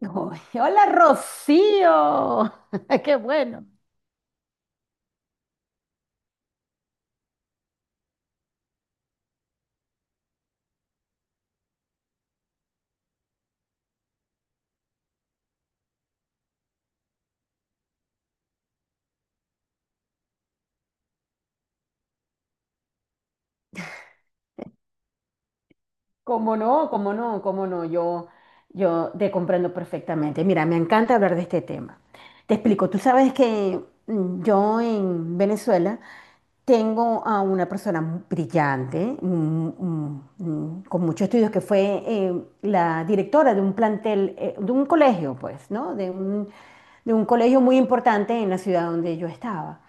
Uy, hola Rocío, qué bueno. ¿Cómo no? ¿Cómo no? ¿Cómo no? Yo te comprendo perfectamente. Mira, me encanta hablar de este tema. Te explico, tú sabes que yo en Venezuela tengo a una persona brillante, con muchos estudios, que fue la directora de un plantel, de un colegio, pues, ¿no? De un colegio muy importante en la ciudad donde yo estaba.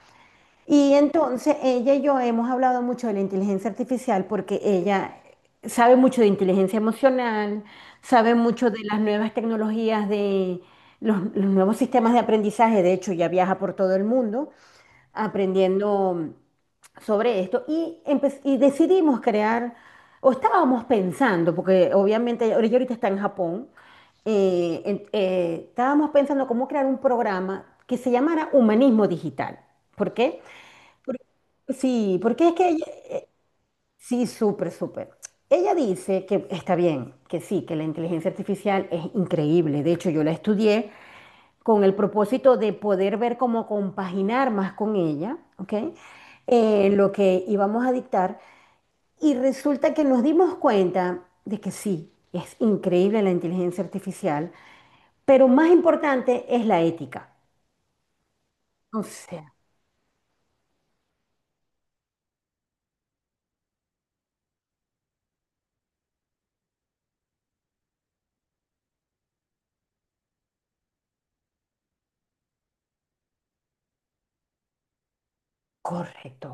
Y entonces ella y yo hemos hablado mucho de la inteligencia artificial porque ella sabe mucho de inteligencia emocional, sabe mucho de las nuevas tecnologías, de los nuevos sistemas de aprendizaje. De hecho ya viaja por todo el mundo aprendiendo sobre esto y, y decidimos crear, o estábamos pensando, porque obviamente ella ahorita está en Japón. Estábamos pensando cómo crear un programa que se llamara Humanismo Digital. ¿Por qué? Sí, porque es que ella, sí, súper, súper. Ella dice que está bien, que sí, que la inteligencia artificial es increíble. De hecho, yo la estudié con el propósito de poder ver cómo compaginar más con ella, ¿ok? Lo que íbamos a dictar. Y resulta que nos dimos cuenta de que sí, es increíble la inteligencia artificial, pero más importante es la ética. O sea, correcto.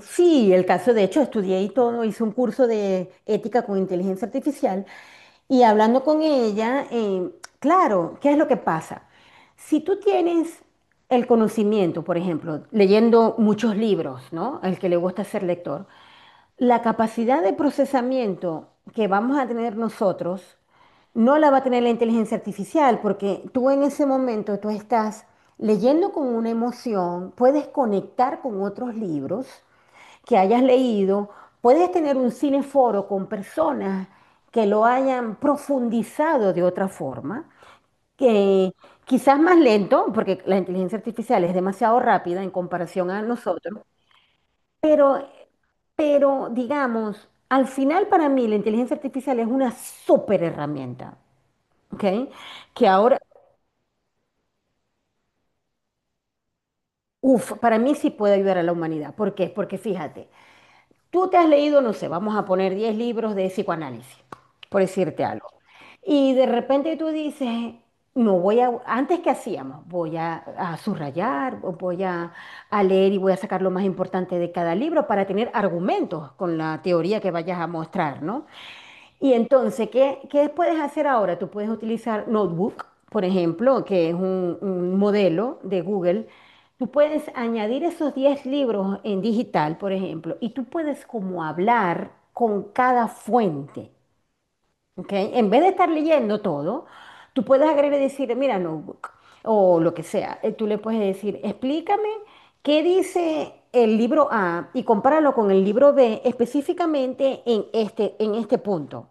Sí, el caso, de hecho, estudié y todo, hice un curso de ética con inteligencia artificial y hablando con ella, claro, ¿qué es lo que pasa? Si tú tienes el conocimiento, por ejemplo, leyendo muchos libros, ¿no? El que le gusta ser lector, la capacidad de procesamiento que vamos a tener nosotros no la va a tener la inteligencia artificial, porque tú en ese momento, tú estás leyendo con una emoción, puedes conectar con otros libros que hayas leído, puedes tener un cineforo con personas que lo hayan profundizado de otra forma, que quizás más lento, porque la inteligencia artificial es demasiado rápida en comparación a nosotros, pero, pero digamos, al final para mí la inteligencia artificial es una súper herramienta, ¿ok? Que ahora, uff, para mí sí puede ayudar a la humanidad. ¿Por qué? Porque fíjate, tú te has leído, no sé, vamos a poner 10 libros de psicoanálisis, por decirte algo. Y de repente tú dices, no voy a, antes que hacíamos, voy a subrayar, o voy a leer y voy a sacar lo más importante de cada libro para tener argumentos con la teoría que vayas a mostrar, ¿no? Y entonces, ¿qué puedes hacer ahora? Tú puedes utilizar Notebook, por ejemplo, que es un modelo de Google. Tú puedes añadir esos 10 libros en digital, por ejemplo, y tú puedes como hablar con cada fuente, ¿ok? En vez de estar leyendo todo, tú puedes agregar y decir, mira, Notebook, o lo que sea. Tú le puedes decir, explícame qué dice el libro A y compáralo con el libro B específicamente en este punto,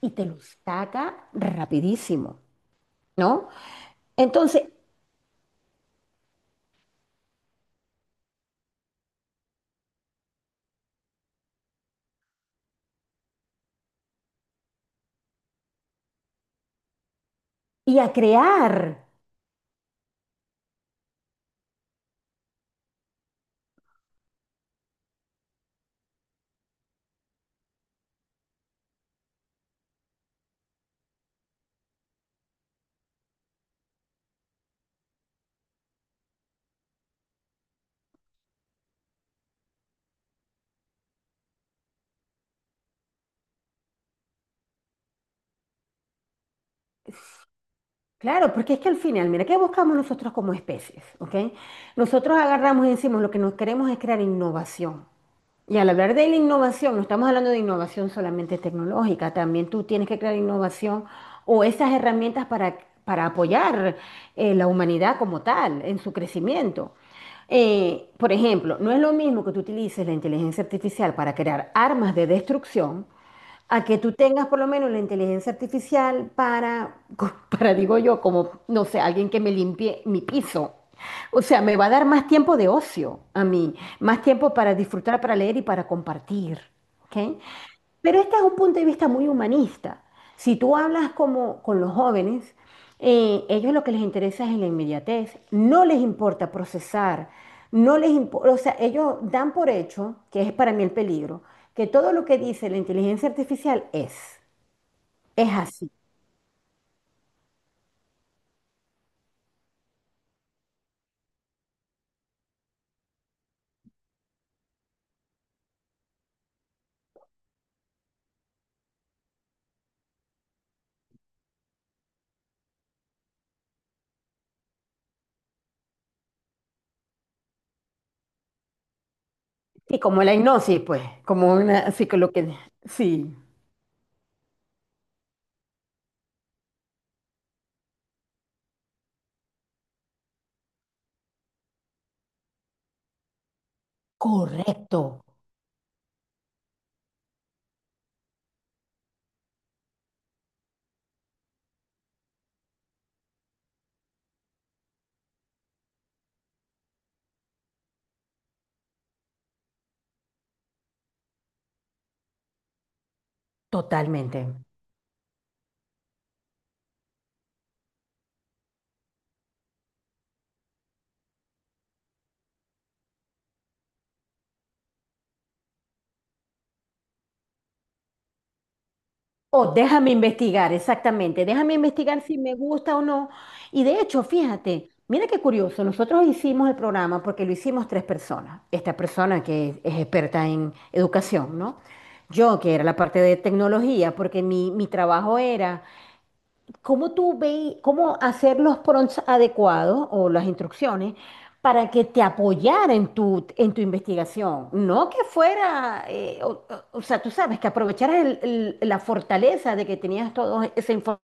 y te lo saca rapidísimo, ¿no? Entonces, y a crear, claro, porque es que al final, mira, ¿qué buscamos nosotros como especies? ¿Ok? Nosotros agarramos y decimos, lo que nos queremos es crear innovación. Y al hablar de la innovación, no estamos hablando de innovación solamente tecnológica, también tú tienes que crear innovación o esas herramientas para apoyar la humanidad como tal en su crecimiento. Por ejemplo, no es lo mismo que tú utilices la inteligencia artificial para crear armas de destrucción a que tú tengas por lo menos la inteligencia artificial para, para digo yo, como, no sé, alguien que me limpie mi piso. O sea, me va a dar más tiempo de ocio a mí, más tiempo para disfrutar, para leer y para compartir. ¿Ok? Pero este es un punto de vista muy humanista. Si tú hablas como con los jóvenes, ellos lo que les interesa es la inmediatez, no les importa procesar, no les importa, o sea, ellos dan por hecho, que es para mí el peligro, que todo lo que dice la inteligencia artificial es así. Y como la hipnosis, pues, como una, así que lo que, sí, correcto, totalmente. O déjame investigar, exactamente. Déjame investigar si me gusta o no. Y de hecho, fíjate, mira qué curioso. Nosotros hicimos el programa porque lo hicimos tres personas. Esta persona que es experta en educación, ¿no? Yo, que era la parte de tecnología, porque mi trabajo era ¿cómo tú ve, cómo hacer los prompts adecuados o las instrucciones para que te apoyara en tu investigación? No que fuera, o, o sea, tú sabes, que aprovecharas la fortaleza de que tenías toda esa información,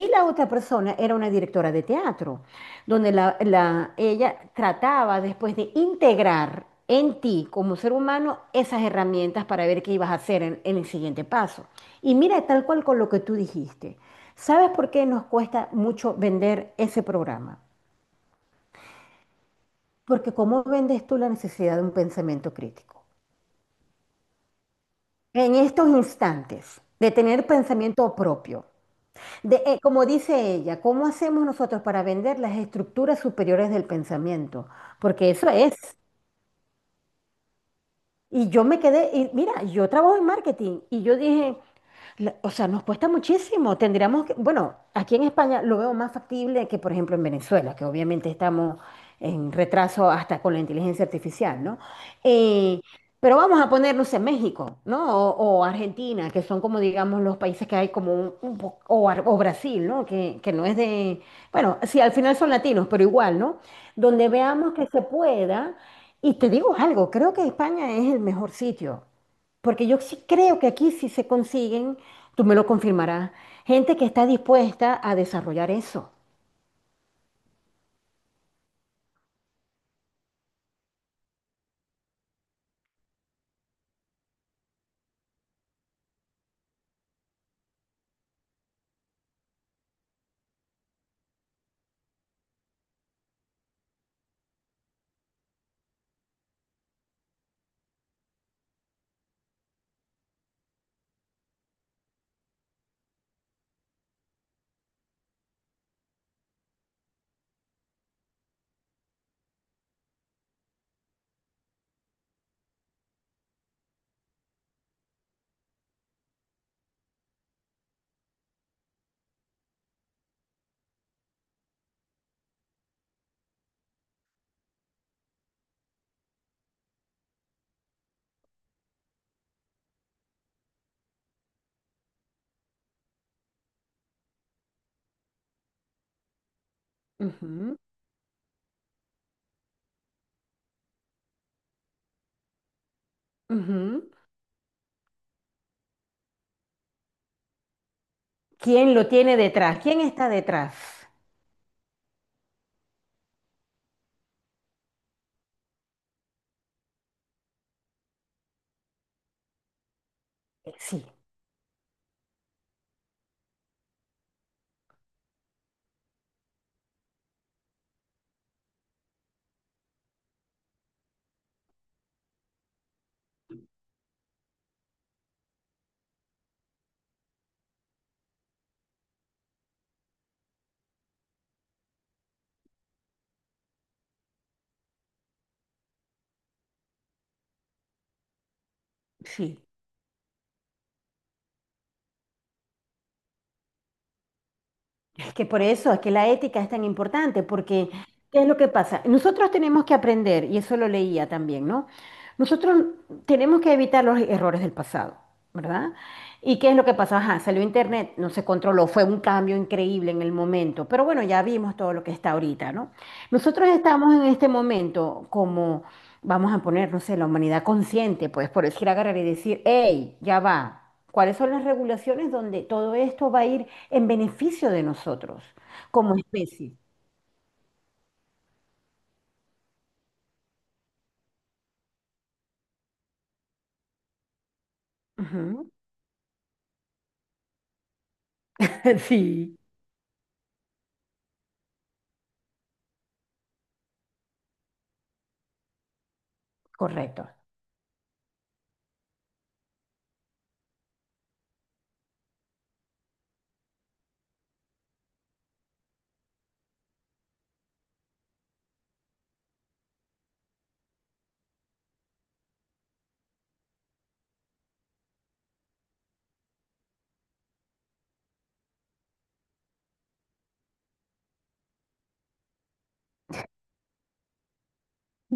y la otra persona era una directora de teatro, donde ella trataba después de integrar en ti como ser humano esas herramientas para ver qué ibas a hacer en el siguiente paso. Y mira, tal cual con lo que tú dijiste. ¿Sabes por qué nos cuesta mucho vender ese programa? Porque ¿cómo vendes tú la necesidad de un pensamiento crítico? En estos instantes, de tener pensamiento propio, de, como dice ella, ¿cómo hacemos nosotros para vender las estructuras superiores del pensamiento? Porque eso es. Y yo me quedé, y mira, yo trabajo en marketing y yo dije, o sea, nos cuesta muchísimo. Tendríamos que, bueno, aquí en España lo veo más factible que, por ejemplo, en Venezuela, que obviamente estamos en retraso hasta con la inteligencia artificial, ¿no? Eh, pero vamos a poner, no sé, México, ¿no? O Argentina, que son como, digamos, los países que hay como un o, o Brasil, ¿no? Que no es de, bueno, sí, al final son latinos, pero igual, ¿no? Donde veamos que se pueda. Y te digo algo, creo que España es el mejor sitio porque yo sí creo que aquí sí se consiguen, tú me lo confirmarás, gente que está dispuesta a desarrollar eso. Ujú, ujú. ¿Quién lo tiene detrás? ¿Quién está detrás? Sí, sí. Es que por eso, es que la ética es tan importante, porque ¿qué es lo que pasa? Nosotros tenemos que aprender, y eso lo leía también, ¿no? Nosotros tenemos que evitar los errores del pasado, ¿verdad? ¿Y qué es lo que pasó? Ajá, salió Internet, no se controló, fue un cambio increíble en el momento, pero bueno, ya vimos todo lo que está ahorita, ¿no? Nosotros estamos en este momento como vamos a poner, no sé, la humanidad consciente, pues por decir, agarrar y decir, hey, ya va, ¿cuáles son las regulaciones donde todo esto va a ir en beneficio de nosotros como especie? Ujú. Sí, correcto.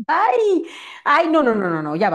Ay, ay, no, no, no, no, no, ya va.